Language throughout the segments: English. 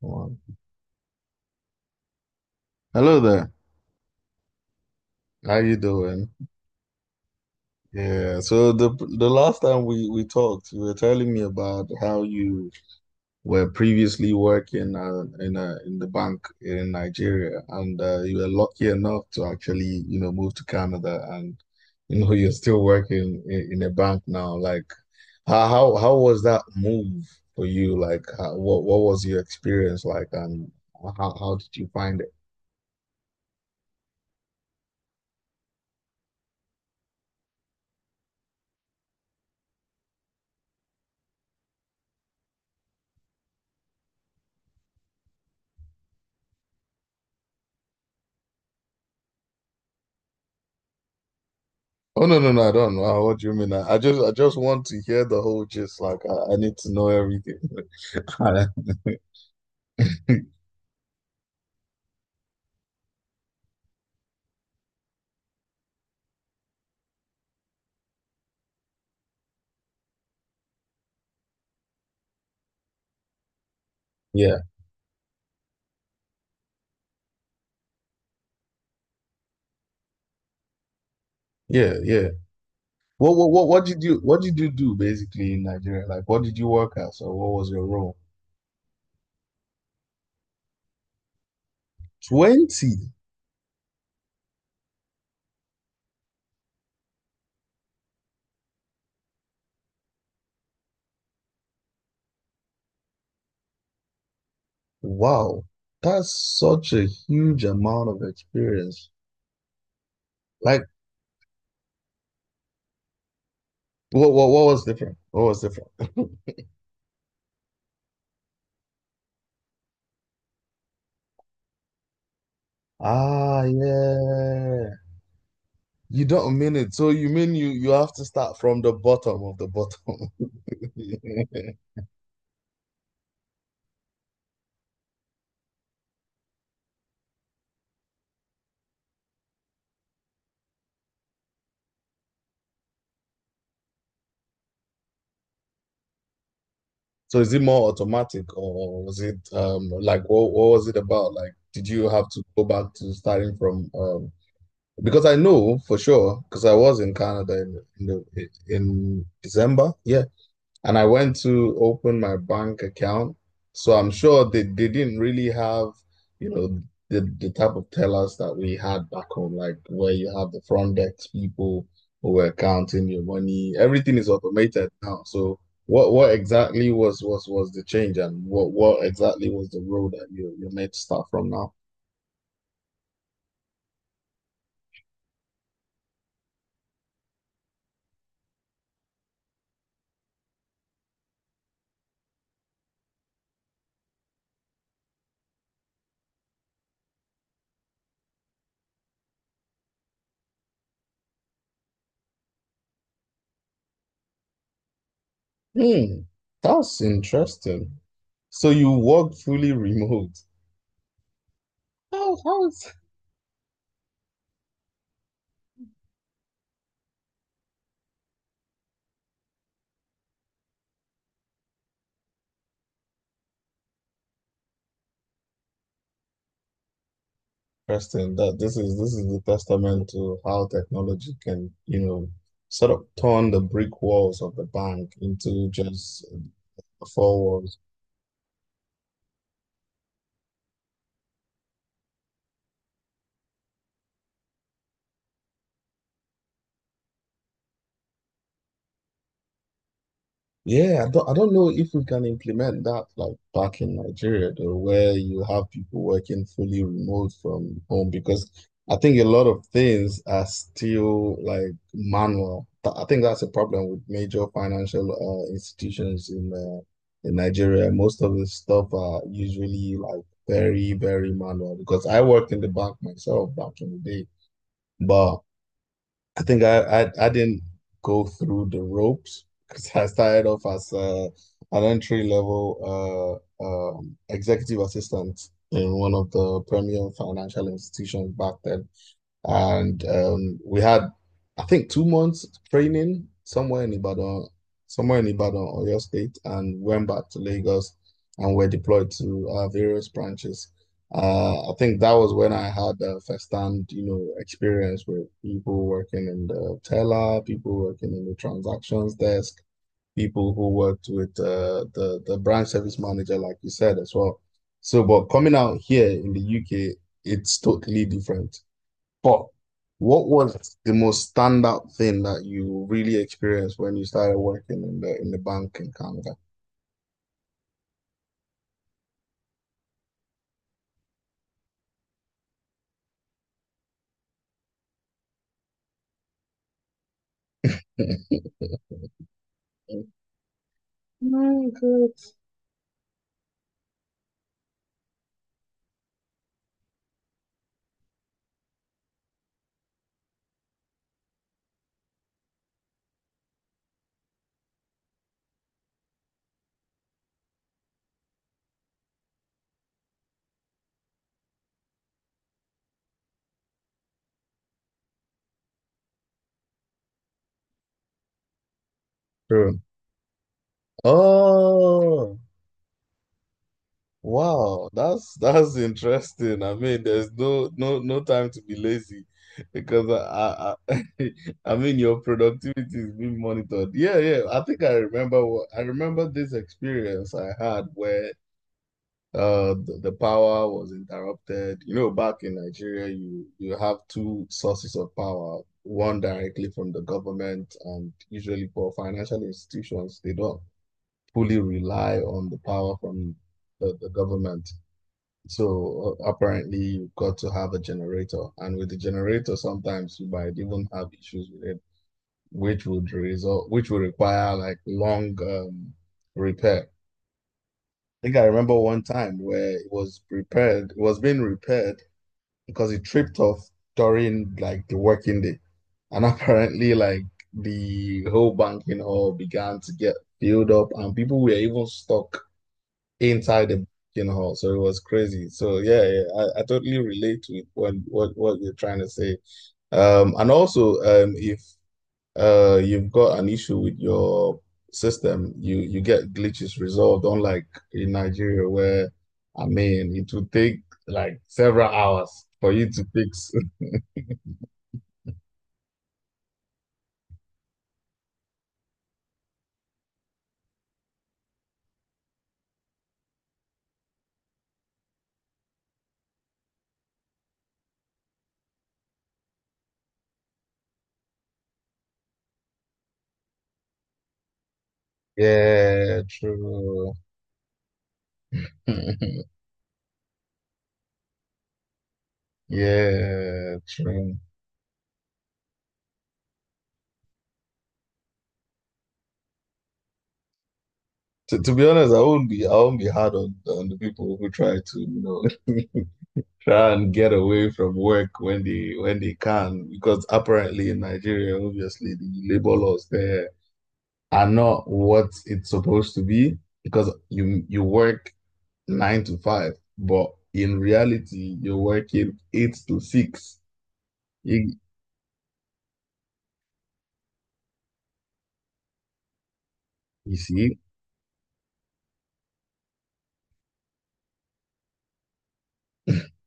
Wow. Hello there. How you doing? Yeah. So the last time we talked, you were telling me about how you were previously working in a in the bank in Nigeria, and you were lucky enough to actually move to Canada, and you're still working in a bank now. Like, how was that move for you? Like, how, what was your experience like, and how did you find. Oh no, no, no, I don't know what do you mean. I just want to hear the whole gist. Like I need to know everything. Yeah, yeah, yeah. What did you do basically in Nigeria? Like what did you work as, or what was your role? 20. Wow. That's such a huge amount of experience. Like what was different? What was different? Ah, yeah. You don't mean it. So you mean you have to start from the bottom of the bottom. So is it more automatic, or was it like what was it about? Like did you have to go back to starting from because I know for sure, because I was in Canada in in December, yeah. And I went to open my bank account. So I'm sure they didn't really have, you know, the type of tellers that we had back home, like where you have the front desk people who were counting your money. Everything is automated now. So what exactly was the change, and what exactly was the role that you made start from now? Hmm, that's interesting. So you work fully remote. How is. Interesting that this is the testament to how technology can, you know, sort of turn the brick walls of the bank into just four walls. Yeah, I don't know if we can implement that like back in Nigeria though, where you have people working fully remote from home, because I think a lot of things are still like manual. I think that's a problem with major financial institutions in Nigeria. Most of the stuff are usually like very, very manual, because I worked in the bank myself back in the day. But. I think I didn't go through the ropes, because I started off as an entry level executive assistant in one of the premier financial institutions back then. And we had, I think, 2 months training somewhere in Ibadan, Oyo State, and went back to Lagos and were deployed to various branches. I think that was when I had a first-hand, you know, experience with people working in the teller, people working in the transactions desk, people who worked with the branch service manager, like you said as well. So, but coming out here in the UK, it's totally different. But what was the most standout thing that you really experienced when you started working in the bank in Canada? My God. True. Oh, wow. That's interesting. I mean, there's no time to be lazy, because I mean your productivity is being monitored. Yeah, yeah. I think I remember this experience I had where the power was interrupted, you know. Back in Nigeria, you have two sources of power, one directly from the government, and usually for financial institutions they don't fully rely on the power from the government. So apparently you've got to have a generator, and with the generator sometimes you might even have issues with it, which would require like long repair. I think I remember one time where it was being repaired because it tripped off during like the working day. And apparently, like, the whole banking hall began to get filled up, and people were even stuck inside the banking hall. So it was crazy. So yeah, yeah, I totally relate to it when what you're trying to say. And also, if you've got an issue with your system, you get glitches resolved, unlike in Nigeria where I mean it would take like several hours for you to fix. Yeah, true. Yeah, true. To be honest, I won't be hard on the people who try to, know try and get away from work when they can, because apparently in Nigeria, obviously the labor laws there are not what it's supposed to be, because you work 9 to 5, but in reality you're working 8 to 6. You, you see?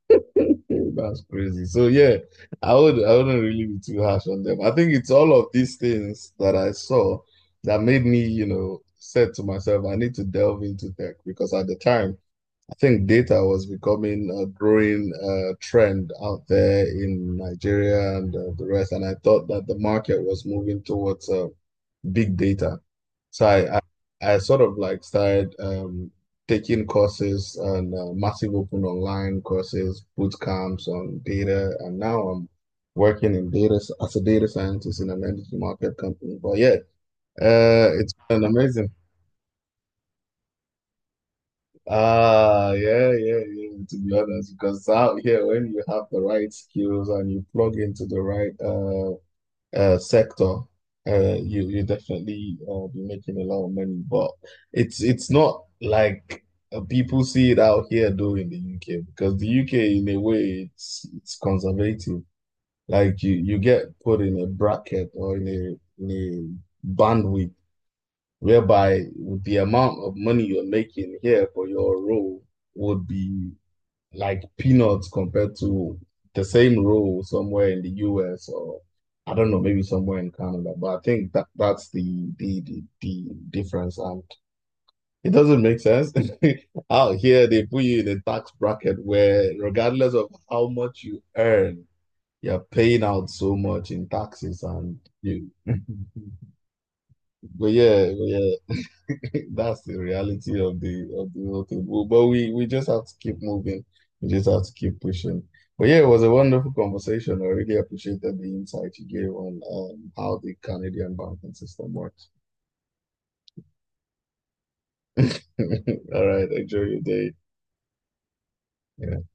That's crazy. So yeah, I wouldn't really be too harsh on them. I think it's all of these things that I saw that made me, you know, said to myself, I need to delve into tech, because at the time I think data was becoming a growing trend out there in Nigeria and the rest. And I thought that the market was moving towards big data. So I sort of like started taking courses and massive open online courses, boot camps on data. And now I'm working in data as a data scientist in an energy market company. But yeah, it's been amazing. Ah, yeah, yeah, yeah. To be honest, because out here, when you have the right skills and you plug into the right sector, you definitely be making a lot of money. But it's not like people see it out here though in the UK, because the UK in a way it's conservative. Like you get put in a bracket or in a bandwidth whereby the amount of money you're making here for your role would be like peanuts compared to the same role somewhere in the US, or I don't know, maybe somewhere in Canada. But I think that that's the difference, and it doesn't make sense. Out here, they put you in a tax bracket where, regardless of how much you earn, you're paying out so much in taxes, and you. But yeah, but yeah. That's the reality of the whole thing. But we just have to keep moving. We just have to keep pushing. But yeah, it was a wonderful conversation. I really appreciated the insight you gave on how the Canadian banking system works. All right, enjoy your day. Yeah.